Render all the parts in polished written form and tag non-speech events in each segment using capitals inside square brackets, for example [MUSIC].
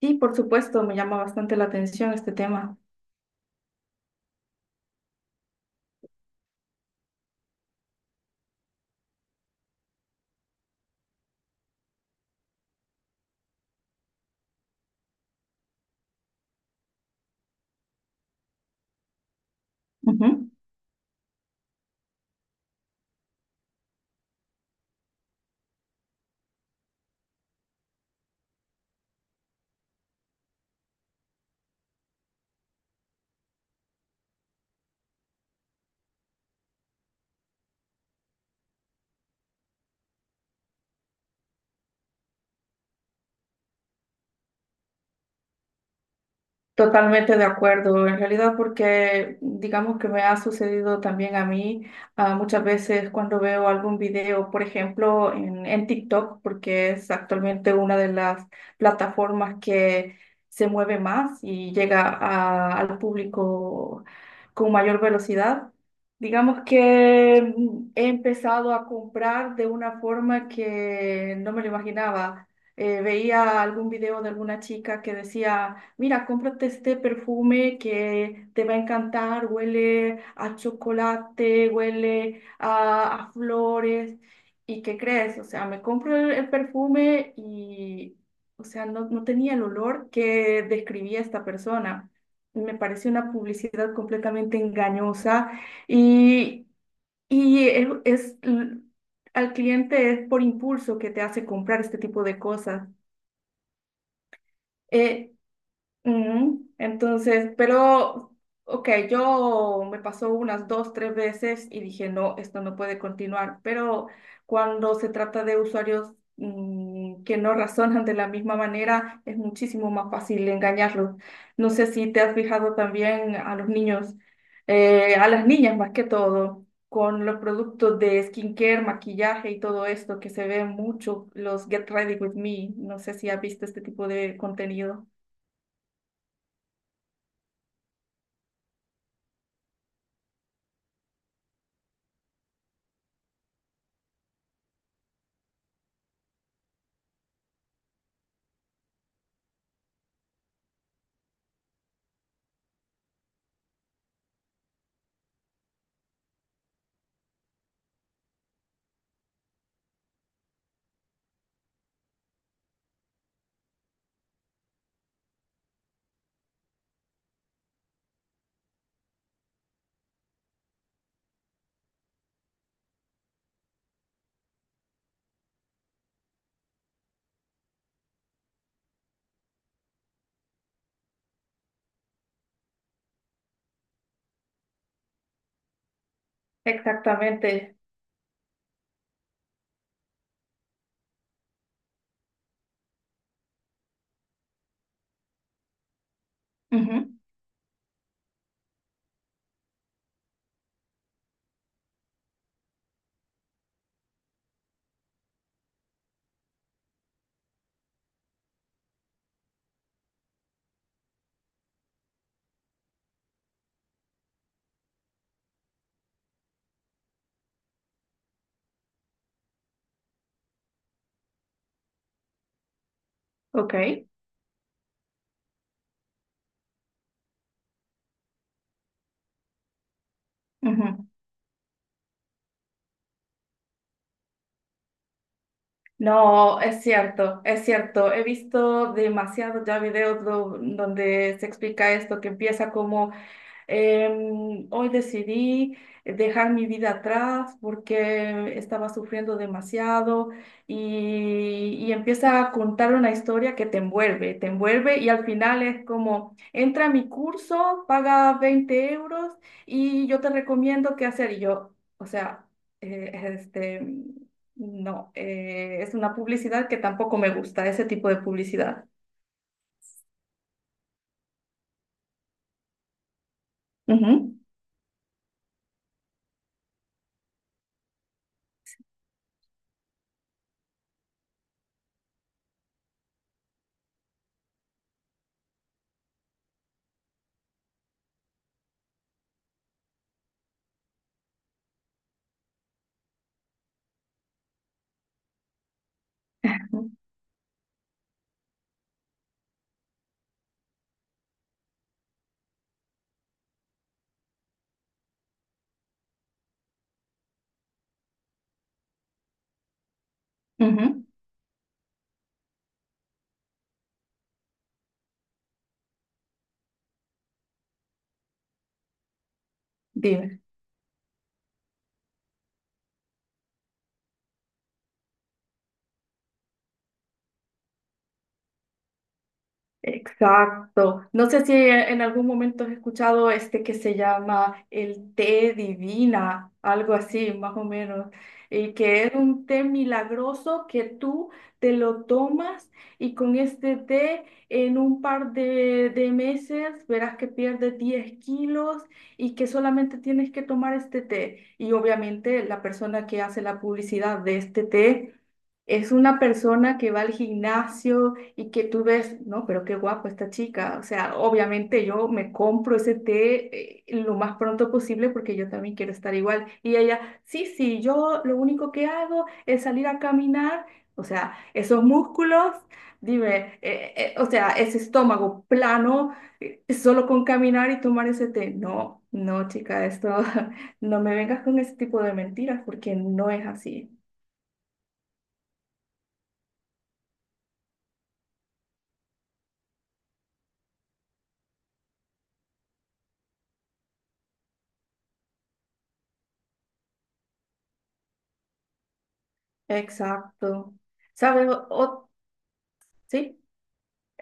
Sí, por supuesto, me llama bastante la atención este tema. Ujú. Totalmente de acuerdo, en realidad porque digamos que me ha sucedido también a mí muchas veces cuando veo algún video, por ejemplo, en TikTok, porque es actualmente una de las plataformas que se mueve más y llega al público con mayor velocidad. Digamos que he empezado a comprar de una forma que no me lo imaginaba. Veía algún video de alguna chica que decía: "Mira, cómprate este perfume que te va a encantar, huele a chocolate, huele a flores". ¿Y qué crees? O sea, me compro el perfume y, o sea, no tenía el olor que describía esta persona. Me parece una publicidad completamente engañosa y, y es, es- al cliente es por impulso que te hace comprar este tipo de cosas. Eh, Ujú. Entonces, pero, ok, yo me pasó unas dos, tres veces y dije, no, esto no puede continuar, pero cuando se trata de usuarios que no razonan de la misma manera, es muchísimo más fácil engañarlos. No sé si te has fijado también a los niños, a las niñas más que todo, con los productos de skincare, maquillaje y todo esto que se ve mucho, los Get Ready With Me, no sé si has visto este tipo de contenido. Exactamente. Ujú. Ok. Ujú. No, es cierto, es cierto. He visto demasiados ya videos donde se explica esto, que empieza como: Hoy decidí dejar mi vida atrás porque estaba sufriendo demasiado", y empieza a contar una historia que te envuelve y al final es como: "Entra a mi curso, paga 20 euros y yo te recomiendo qué hacer". Y yo, o sea, eh, este, no, es una publicidad que tampoco me gusta, ese tipo de publicidad. Ujú. [LAUGHS] ujú. Dime. Exacto. No sé si en algún momento has escuchado este que se llama el té divina, algo así, más o menos, y que es un té milagroso que tú te lo tomas y con este té en un par de meses verás que pierdes 10 kilos y que solamente tienes que tomar este té. Y obviamente la persona que hace la publicidad de este té... Es una persona que va al gimnasio, y que tú ves, no, pero qué guapo esta chica. O sea, obviamente yo me compro ese té, lo más pronto posible porque yo también quiero estar igual. Y ella, sí, sí, yo lo único que hago es salir a caminar. O sea, esos músculos, dime, o sea, ese estómago plano, solo con caminar y tomar ese té. No, no, chica, esto, [LAUGHS] no me vengas con ese tipo de mentiras porque no es así. Exacto. ¿Sabes? ¿Sí?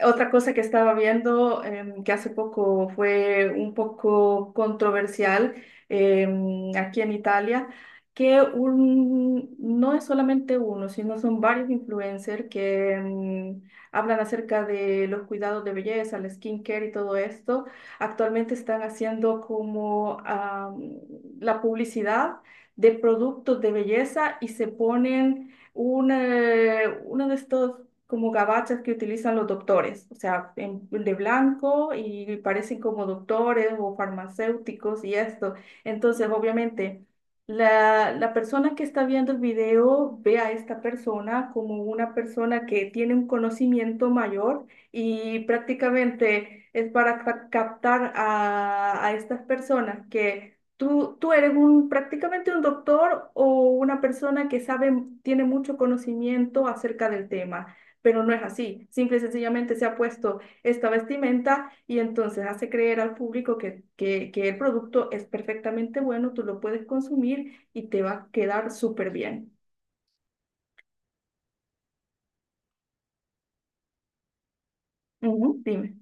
Otra cosa que estaba viendo, que hace poco fue un poco controversial, aquí en Italia, que un, no es solamente uno, sino son varios influencers que hablan acerca de los cuidados de belleza, el skincare y todo esto. Actualmente están haciendo como la publicidad de productos de belleza y se ponen un, uno de estos como gabachas que utilizan los doctores, o sea, de blanco y parecen como doctores o farmacéuticos y esto. Entonces, obviamente, la persona que está viendo el video ve a esta persona como una persona que tiene un conocimiento mayor y prácticamente es para captar a estas personas que... Tú eres un, prácticamente un doctor o una persona que sabe, tiene mucho conocimiento acerca del tema, pero no es así. Simple y sencillamente se ha puesto esta vestimenta y entonces hace creer al público que el producto es perfectamente bueno, tú lo puedes consumir y te va a quedar súper bien. Ujú. Dime.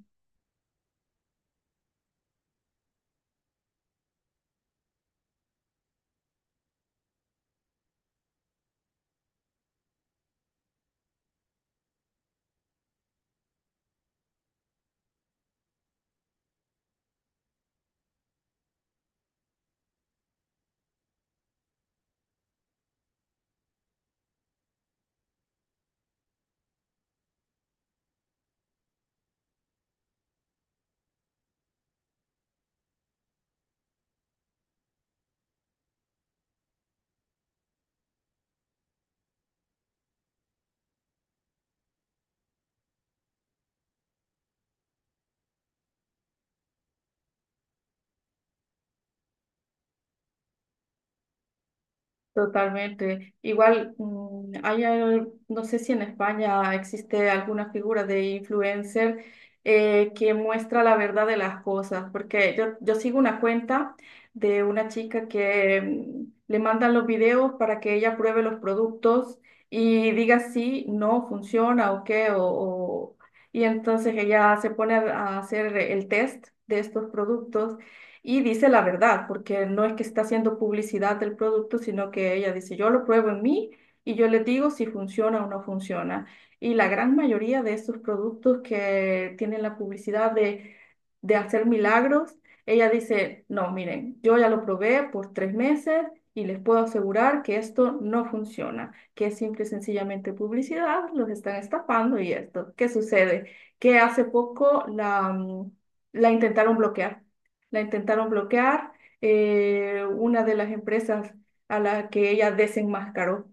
Totalmente. Igual, hay, no sé si en España existe alguna figura de influencer que muestra la verdad de las cosas, porque yo sigo una cuenta de una chica que le mandan los videos para que ella pruebe los productos y diga si no funciona o qué, y entonces ella se pone a hacer el test de estos productos y dice la verdad, porque no es que está haciendo publicidad del producto, sino que ella dice: "Yo lo pruebo en mí y yo les digo si funciona o no funciona". Y la gran mayoría de estos productos que tienen la publicidad de hacer milagros, ella dice: "No, miren, yo ya lo probé por 3 meses y les puedo asegurar que esto no funciona, que es simple y sencillamente publicidad, los están estafando" y esto. ¿Qué sucede? Que hace poco la intentaron bloquear. La intentaron bloquear, una de las empresas a la que ella desenmascaró.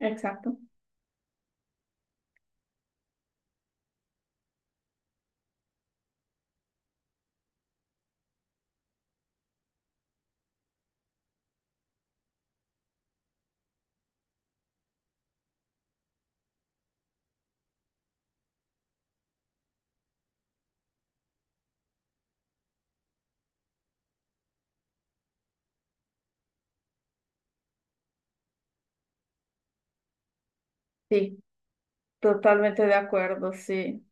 Exacto. Sí, totalmente de acuerdo, sí,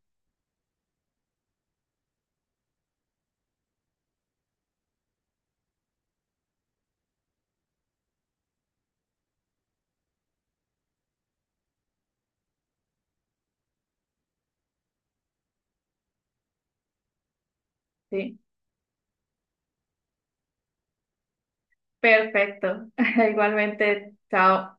sí. Perfecto. [LAUGHS] Igualmente, chao.